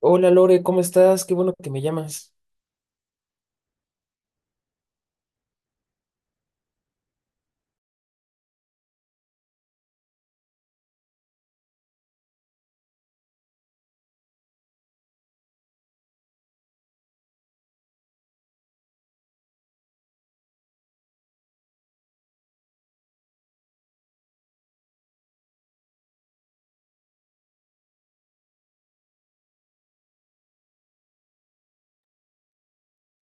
Hola Lore, ¿cómo estás? Qué bueno que me llamas.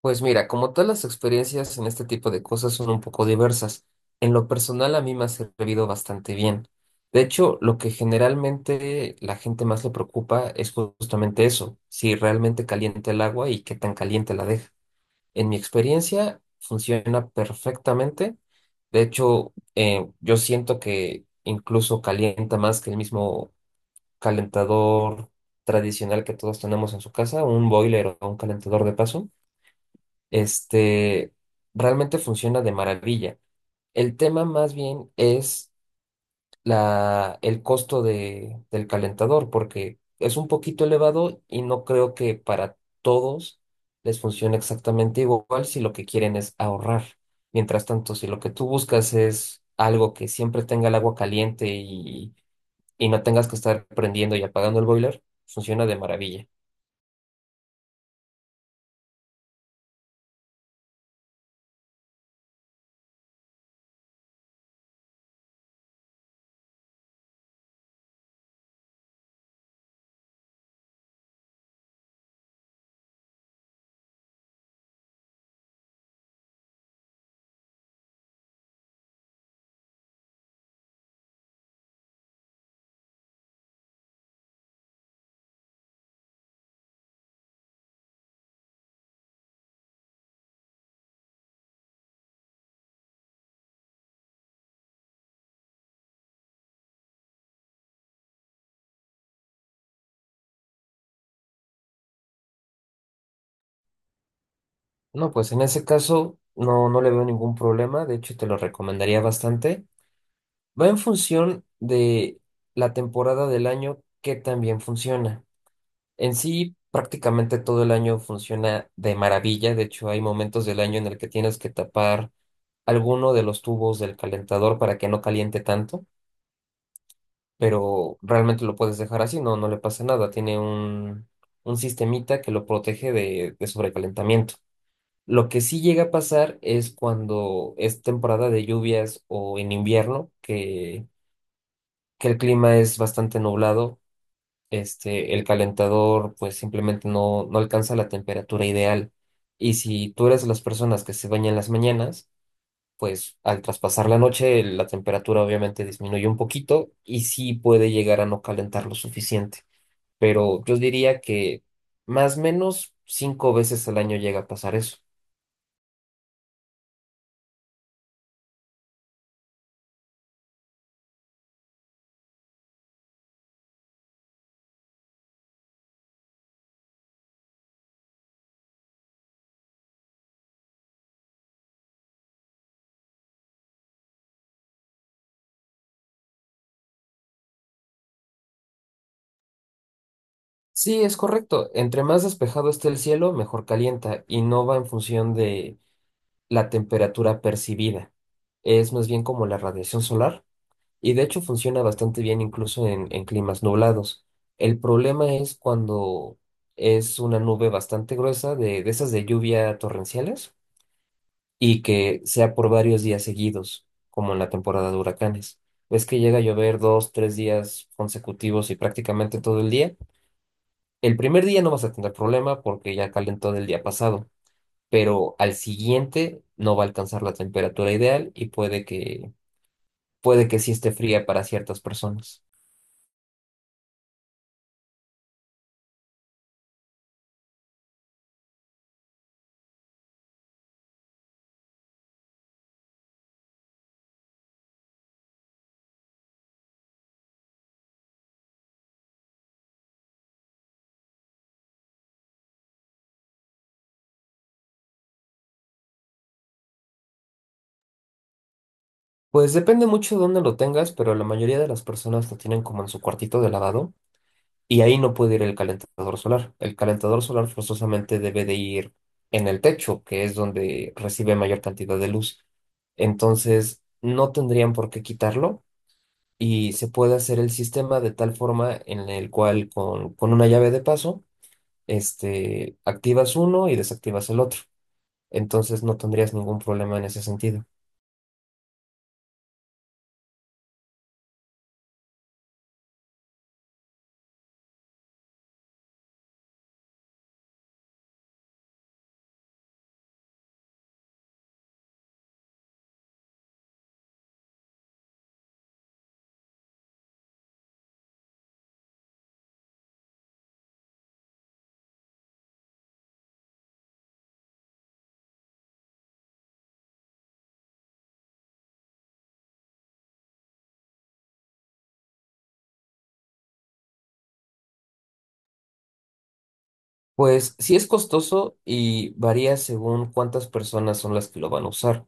Pues mira, como todas las experiencias en este tipo de cosas son un poco diversas, en lo personal a mí me ha servido bastante bien. De hecho, lo que generalmente la gente más le preocupa es justamente eso, si realmente calienta el agua y qué tan caliente la deja. En mi experiencia funciona perfectamente. De hecho, yo siento que incluso calienta más que el mismo calentador tradicional que todos tenemos en su casa, un boiler o un calentador de paso, este realmente funciona de maravilla. El tema más bien es el costo del calentador, porque es un poquito elevado y no creo que para todos les funcione exactamente igual si lo que quieren es ahorrar. Mientras tanto, si lo que tú buscas es algo que siempre tenga el agua caliente y no tengas que estar prendiendo y apagando el boiler, funciona de maravilla. No, pues en ese caso no, no le veo ningún problema. De hecho, te lo recomendaría bastante. Va en función de la temporada del año que también funciona. En sí, prácticamente todo el año funciona de maravilla. De hecho, hay momentos del año en el que tienes que tapar alguno de los tubos del calentador para que no caliente tanto, pero realmente lo puedes dejar así, no, no le pasa nada. Tiene un sistemita que lo protege de sobrecalentamiento. Lo que sí llega a pasar es cuando es temporada de lluvias o en invierno, que el clima es bastante nublado. El calentador pues simplemente no, no alcanza la temperatura ideal. Y si tú eres de las personas que se bañan en las mañanas, pues al traspasar la noche la temperatura obviamente disminuye un poquito y sí puede llegar a no calentar lo suficiente, pero yo diría que más o menos 5 veces al año llega a pasar eso. Sí, es correcto. Entre más despejado esté el cielo, mejor calienta y no va en función de la temperatura percibida. Es más bien como la radiación solar, y de hecho funciona bastante bien incluso en climas nublados. El problema es cuando es una nube bastante gruesa de esas de lluvia torrenciales y que sea por varios días seguidos, como en la temporada de huracanes. Ves que llega a llover dos, tres días consecutivos y prácticamente todo el día. El primer día no vas a tener problema porque ya calentó del día pasado, pero al siguiente no va a alcanzar la temperatura ideal y puede que sí esté fría para ciertas personas. Pues depende mucho de dónde lo tengas, pero la mayoría de las personas lo tienen como en su cuartito de lavado y ahí no puede ir el calentador solar. El calentador solar forzosamente debe de ir en el techo, que es donde recibe mayor cantidad de luz. Entonces, no tendrían por qué quitarlo, y se puede hacer el sistema de tal forma en el cual con una llave de paso, activas uno y desactivas el otro. Entonces, no tendrías ningún problema en ese sentido. Pues sí es costoso y varía según cuántas personas son las que lo van a usar.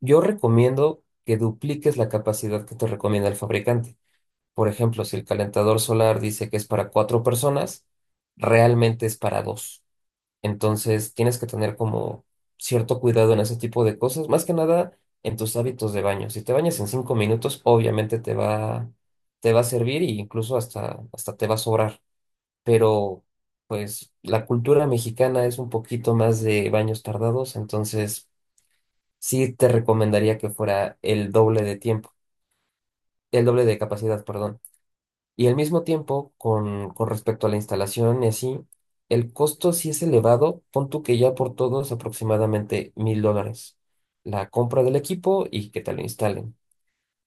Yo recomiendo que dupliques la capacidad que te recomienda el fabricante. Por ejemplo, si el calentador solar dice que es para 4 personas, realmente es para dos. Entonces, tienes que tener como cierto cuidado en ese tipo de cosas, más que nada en tus hábitos de baño. Si te bañas en 5 minutos, obviamente te va a servir e incluso hasta te va a sobrar. Pero, pues, la cultura mexicana es un poquito más de baños tardados, entonces sí te recomendaría que fuera el doble de tiempo, el doble de capacidad, perdón. Y al mismo tiempo, con respecto a la instalación y así, el costo sí es elevado. Pon tú que ya por todo es aproximadamente $1,000, la compra del equipo y que te lo instalen.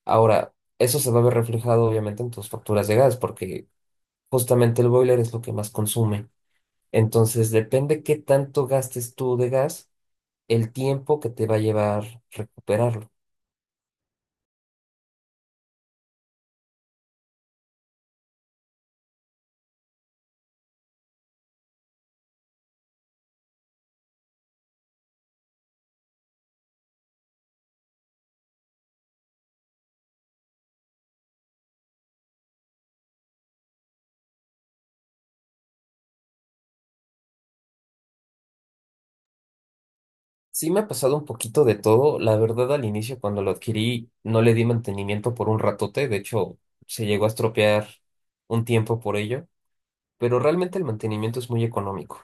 Ahora, eso se va a ver reflejado obviamente en tus facturas de gas, porque justamente el boiler es lo que más consume. Entonces, depende qué tanto gastes tú de gas, el tiempo que te va a llevar recuperarlo. Sí me ha pasado un poquito de todo. La verdad, al inicio cuando lo adquirí no le di mantenimiento por un ratote. De hecho, se llegó a estropear un tiempo por ello. Pero realmente el mantenimiento es muy económico.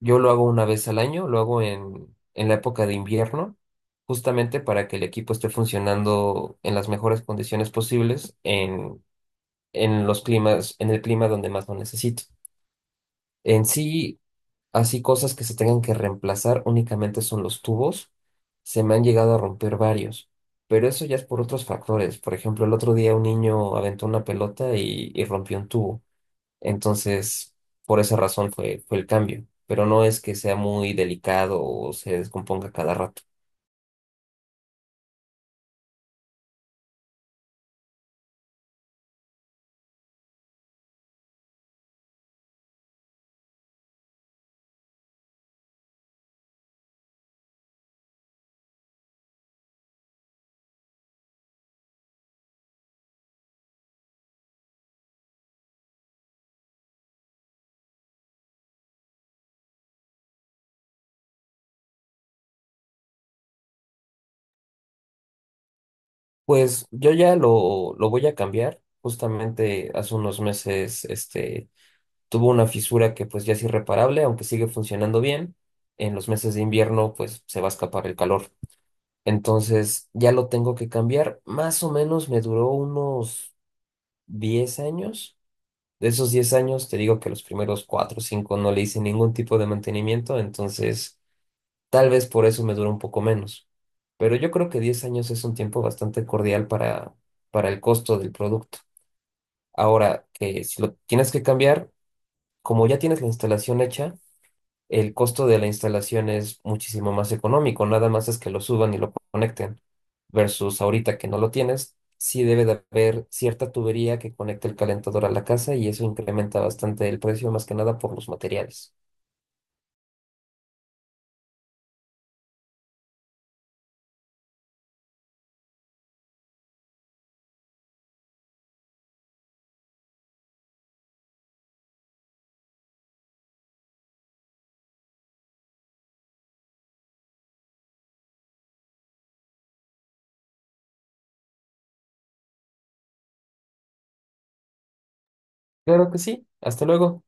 Yo lo hago una vez al año, lo hago en la época de invierno, justamente para que el equipo esté funcionando en las mejores condiciones posibles en los climas, en el clima donde más lo necesito. En sí, así cosas que se tengan que reemplazar únicamente son los tubos. Se me han llegado a romper varios, pero eso ya es por otros factores. Por ejemplo, el otro día un niño aventó una pelota y rompió un tubo. Entonces, por esa razón fue el cambio. Pero no es que sea muy delicado o se descomponga cada rato. Pues yo ya lo voy a cambiar. Justamente hace unos meses, tuvo una fisura que pues ya es irreparable, aunque sigue funcionando bien. En los meses de invierno pues se va a escapar el calor. Entonces ya lo tengo que cambiar. Más o menos me duró unos 10 años. De esos 10 años te digo que los primeros 4 o 5 no le hice ningún tipo de mantenimiento, entonces tal vez por eso me duró un poco menos. Pero yo creo que 10 años es un tiempo bastante cordial para el costo del producto. Ahora que si lo tienes que cambiar, como ya tienes la instalación hecha, el costo de la instalación es muchísimo más económico, nada más es que lo suban y lo conecten, versus ahorita que no lo tienes, sí debe de haber cierta tubería que conecte el calentador a la casa y eso incrementa bastante el precio, más que nada por los materiales. Claro que sí, hasta luego.